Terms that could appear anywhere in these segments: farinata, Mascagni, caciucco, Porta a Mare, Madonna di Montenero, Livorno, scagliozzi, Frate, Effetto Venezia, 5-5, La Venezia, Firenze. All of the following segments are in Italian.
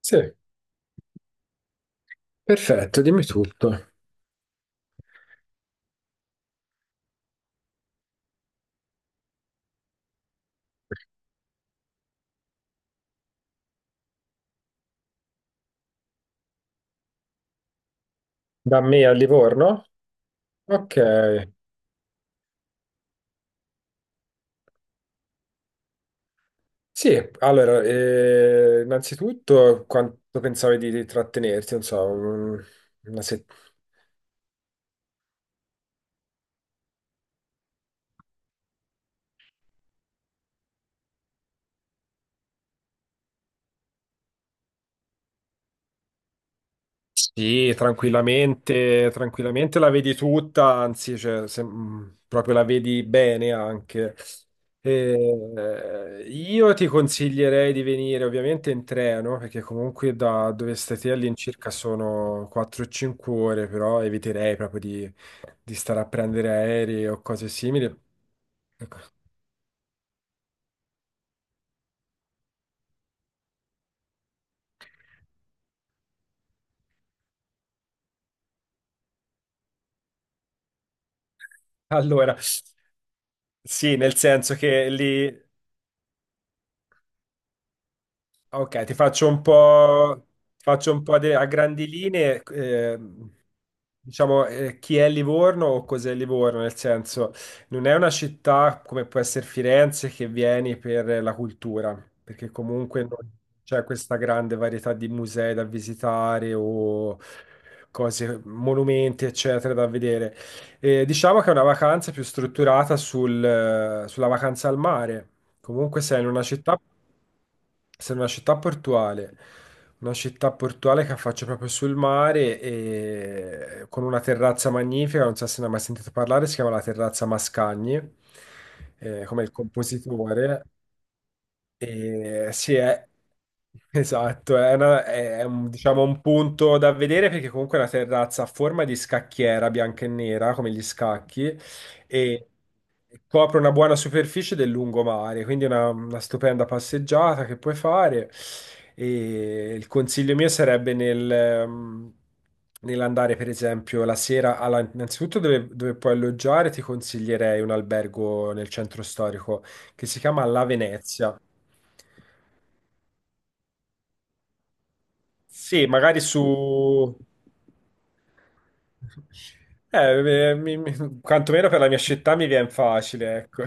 Sì, perfetto, dimmi tutto. Da me a Livorno? Ok. Sì, allora, innanzitutto quanto pensavi di trattenerti? Non so, una settimana. Sì, tranquillamente, tranquillamente la vedi tutta, anzi, cioè, proprio la vedi bene anche. Io ti consiglierei di venire ovviamente in treno, perché comunque da dove stai te all'incirca sono 4-5 ore, però eviterei proprio di stare a prendere aerei o cose simili. Ecco. Allora, sì, nel senso che lì ok, ti faccio un po' a grandi linee, diciamo, chi è Livorno o cos'è Livorno, nel senso, non è una città come può essere Firenze che vieni per la cultura, perché comunque non c'è questa grande varietà di musei da visitare o cose, monumenti, eccetera, da vedere. Diciamo che è una vacanza più strutturata sulla vacanza al mare. Comunque sei in una città, sei in una città portuale che affaccia proprio sul mare e con una terrazza magnifica, non so se ne hai mai sentito parlare, si chiama la terrazza Mascagni, come il compositore. E, sì, è, Esatto, è, diciamo un punto da vedere perché comunque è una terrazza a forma di scacchiera bianca e nera, come gli scacchi, e copre una buona superficie del lungomare, quindi una stupenda passeggiata che puoi fare. E il consiglio mio sarebbe nell'andare, per esempio, la sera, innanzitutto dove puoi alloggiare, ti consiglierei un albergo nel centro storico che si chiama La Venezia. Sì, magari su... quantomeno per la mia città mi viene facile, ecco.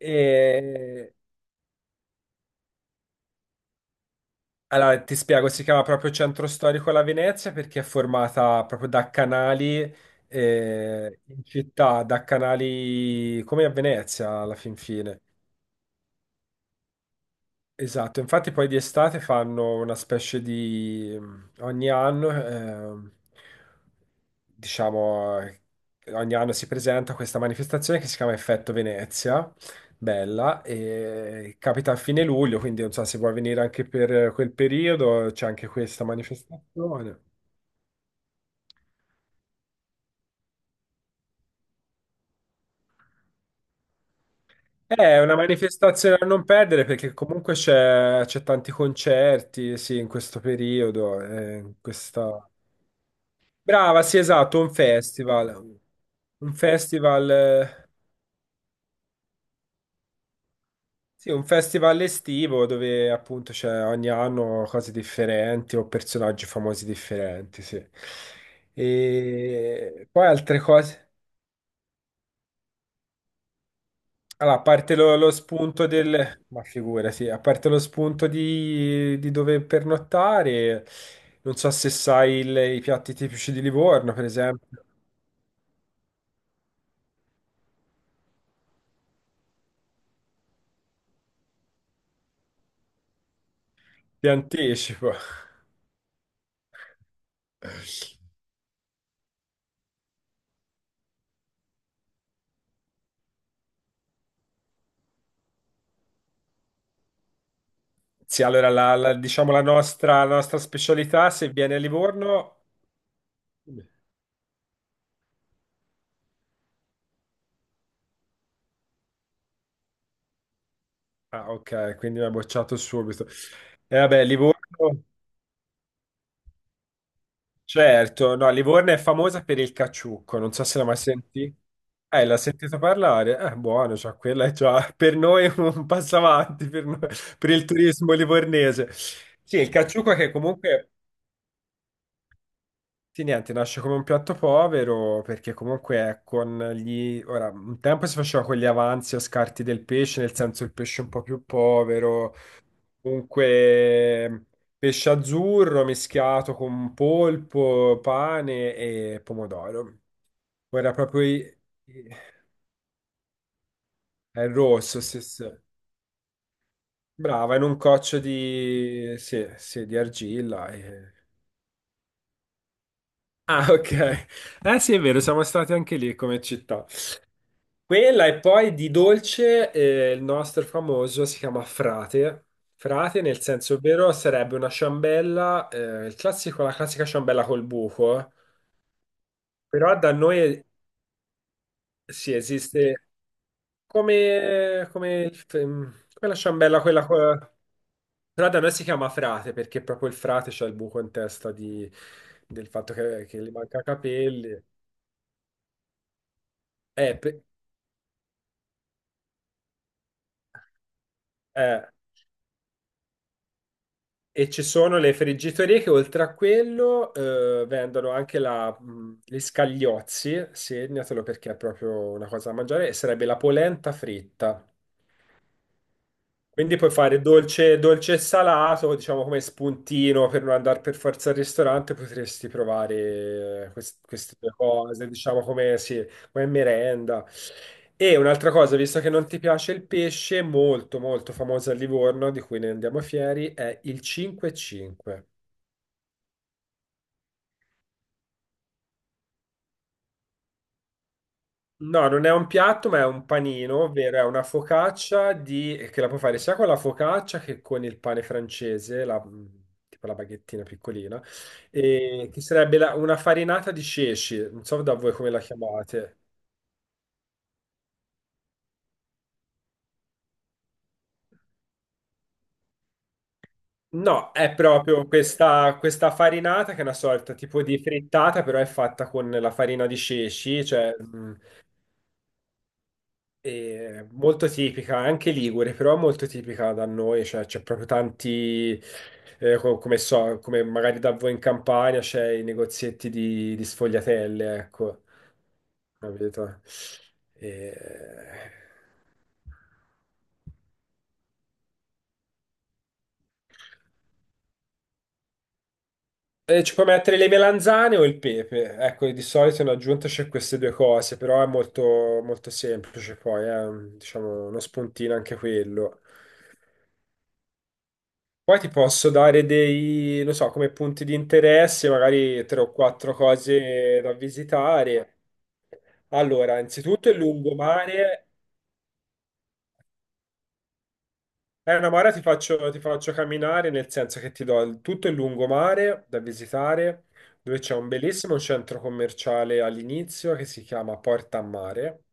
E- Allora, ti spiego, si chiama proprio Centro Storico La Venezia perché è formata proprio da canali in città, da canali come a Venezia alla fin fine. Esatto, infatti poi di estate fanno una specie di ogni anno, diciamo, ogni anno si presenta questa manifestazione che si chiama Effetto Venezia, bella, e capita a fine luglio, quindi non so se vuoi venire anche per quel periodo, c'è anche questa manifestazione. È una manifestazione a non perdere perché comunque c'è tanti concerti, sì, in questo periodo, in questa... Brava, sì, esatto, un festival. Un festival, sì, un festival estivo dove appunto c'è ogni anno cose differenti o personaggi famosi differenti, sì. E poi altre cose. Allora, a parte lo spunto del... Ma figura, sì, a parte lo spunto di dove pernottare, non so se sai i piatti tipici di Livorno, per esempio, ti anticipo. Sì, allora diciamo la nostra specialità, se viene a Livorno... Ah, ok, quindi mi ha bocciato subito. E vabbè, Livorno, certo, no, Livorno è famosa per il caciucco, non so se l'ha mai sentito. L'ha sentito parlare? Buono, cioè, quella è già per noi un passo avanti, per il turismo livornese. Sì, il caciucco che comunque sì, niente, nasce come un piatto povero perché comunque è con gli... Ora, un tempo si faceva con gli avanzi o scarti del pesce, nel senso il pesce un po' più povero, comunque pesce azzurro mischiato con polpo, pane e pomodoro. Ora proprio i- è il rosso, sì, sì. Brava, in un coccio di... sì, sì, di argilla. Ah, ok. Eh sì, è vero, siamo stati anche lì come città. Quella e poi di dolce, il nostro famoso si chiama Frate. Frate, nel senso vero, sarebbe una ciambella, il classico, la classica ciambella col buco, però da noi si esiste come, come, come la ciambella, quella... Però da noi si chiama frate perché proprio il frate c'ha il buco in testa del fatto che gli manca capelli. Eh, pe- Eh, e ci sono le friggitorie che oltre a quello vendono anche gli scagliozzi, segnatelo perché è proprio una cosa da mangiare, e sarebbe la polenta fritta. Quindi puoi fare dolce, dolce e salato, diciamo come spuntino per non andare per forza al ristorante, potresti provare queste due cose, diciamo come, sì, come merenda. E un'altra cosa, visto che non ti piace il pesce, molto molto famosa a Livorno, di cui ne andiamo fieri, è il 5-5. No, non è un piatto, ma è un panino, ovvero è una focaccia di... che la puoi fare sia con la focaccia che con il pane francese, tipo la baghettina piccolina, e che sarebbe una farinata di ceci, non so da voi come la chiamate. No, è proprio questa, questa farinata che è una sorta tipo di frittata, però è fatta con la farina di ceci, cioè e molto tipica, anche Ligure, però molto tipica da noi, cioè c'è proprio tanti, come so, come magari da voi in Campania c'è i negozietti di sfogliatelle, ecco, capito? E... e ci puoi mettere le melanzane o il pepe, ecco, di solito in aggiunta c'è queste due cose, però è molto, molto semplice poi, diciamo uno spuntino anche quello. Poi ti posso dare dei, non so, come punti di interesse, magari tre o quattro cose da visitare. Allora, innanzitutto il lungomare. È una mare ti faccio camminare, nel senso che ti do tutto il lungomare da visitare, dove c'è un bellissimo centro commerciale all'inizio che si chiama Porta a Mare.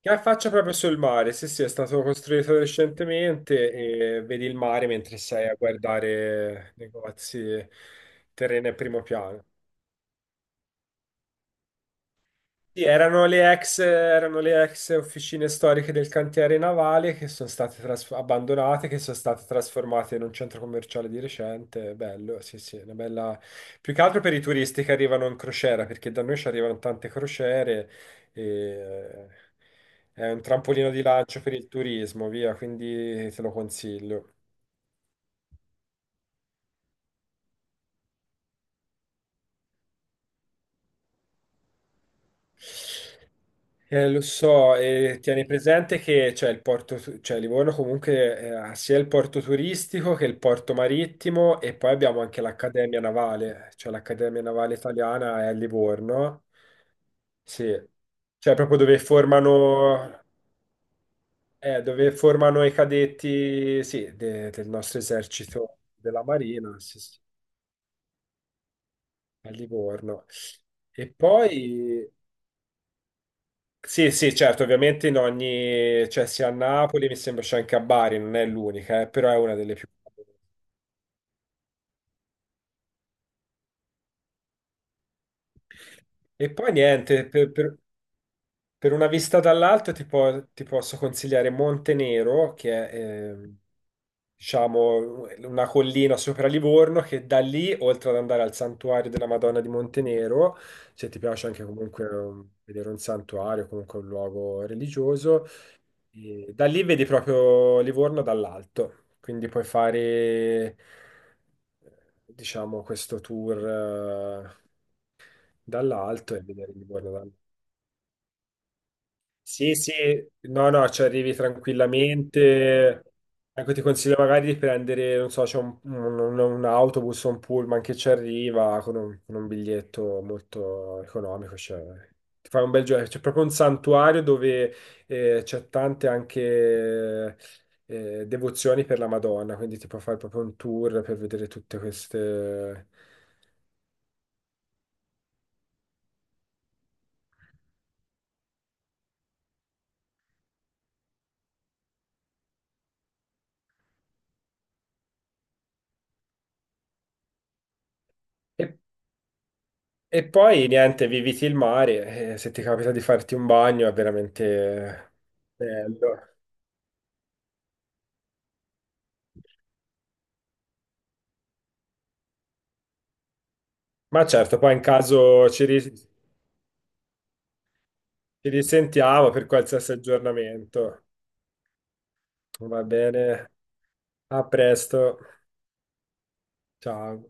Che affaccia proprio sul mare, sì, sì, è stato costruito recentemente e vedi il mare mentre sei a guardare negozi, terreno a primo piano. Sì, erano le ex officine storiche del cantiere navale che sono state abbandonate, che sono state trasformate in un centro commerciale di recente. Bello, sì, sì, una bella... Più che altro per i turisti che arrivano in crociera, perché da noi ci arrivano tante crociere e eh, è un trampolino di lancio per il turismo, via, quindi te lo consiglio. Lo so, e tieni presente che c'è il porto, cioè Livorno comunque ha sia il porto turistico che il porto marittimo e poi abbiamo anche l'Accademia Navale, cioè l'Accademia Navale Italiana è a Livorno, sì, cioè proprio dove formano i cadetti, sì, del nostro esercito della Marina, sì, sì, a Livorno. E poi... Sì, sì, certo, ovviamente in ogni, cioè sia a Napoli, mi sembra c'è anche a Bari, non è l'unica, però è una delle più. E poi niente, per una vista dall'alto ti posso consigliare Montenero, che è, diciamo, una collina sopra Livorno, che da lì, oltre ad andare al santuario della Madonna di Montenero, se ti piace anche comunque um, vedere un santuario, comunque un luogo religioso, e da lì vedi proprio Livorno dall'alto, quindi puoi fare, eh, diciamo, questo tour eh, dall'alto e vedere Livorno sì, sì, no, no, ci arrivi tranquillamente. Ecco, ti consiglio magari di prendere, non so, c'è un, un autobus o un pullman che ci arriva con un biglietto molto economico. Cioè, ti fai un bel giro. C'è proprio un santuario dove c'è tante anche devozioni per la Madonna, quindi ti puoi fare proprio un tour per vedere tutte queste. E poi niente, viviti il mare, e se ti capita di farti un bagno è veramente bello. Ma certo, poi in caso ci risentiamo per qualsiasi aggiornamento. Va bene, a presto, ciao.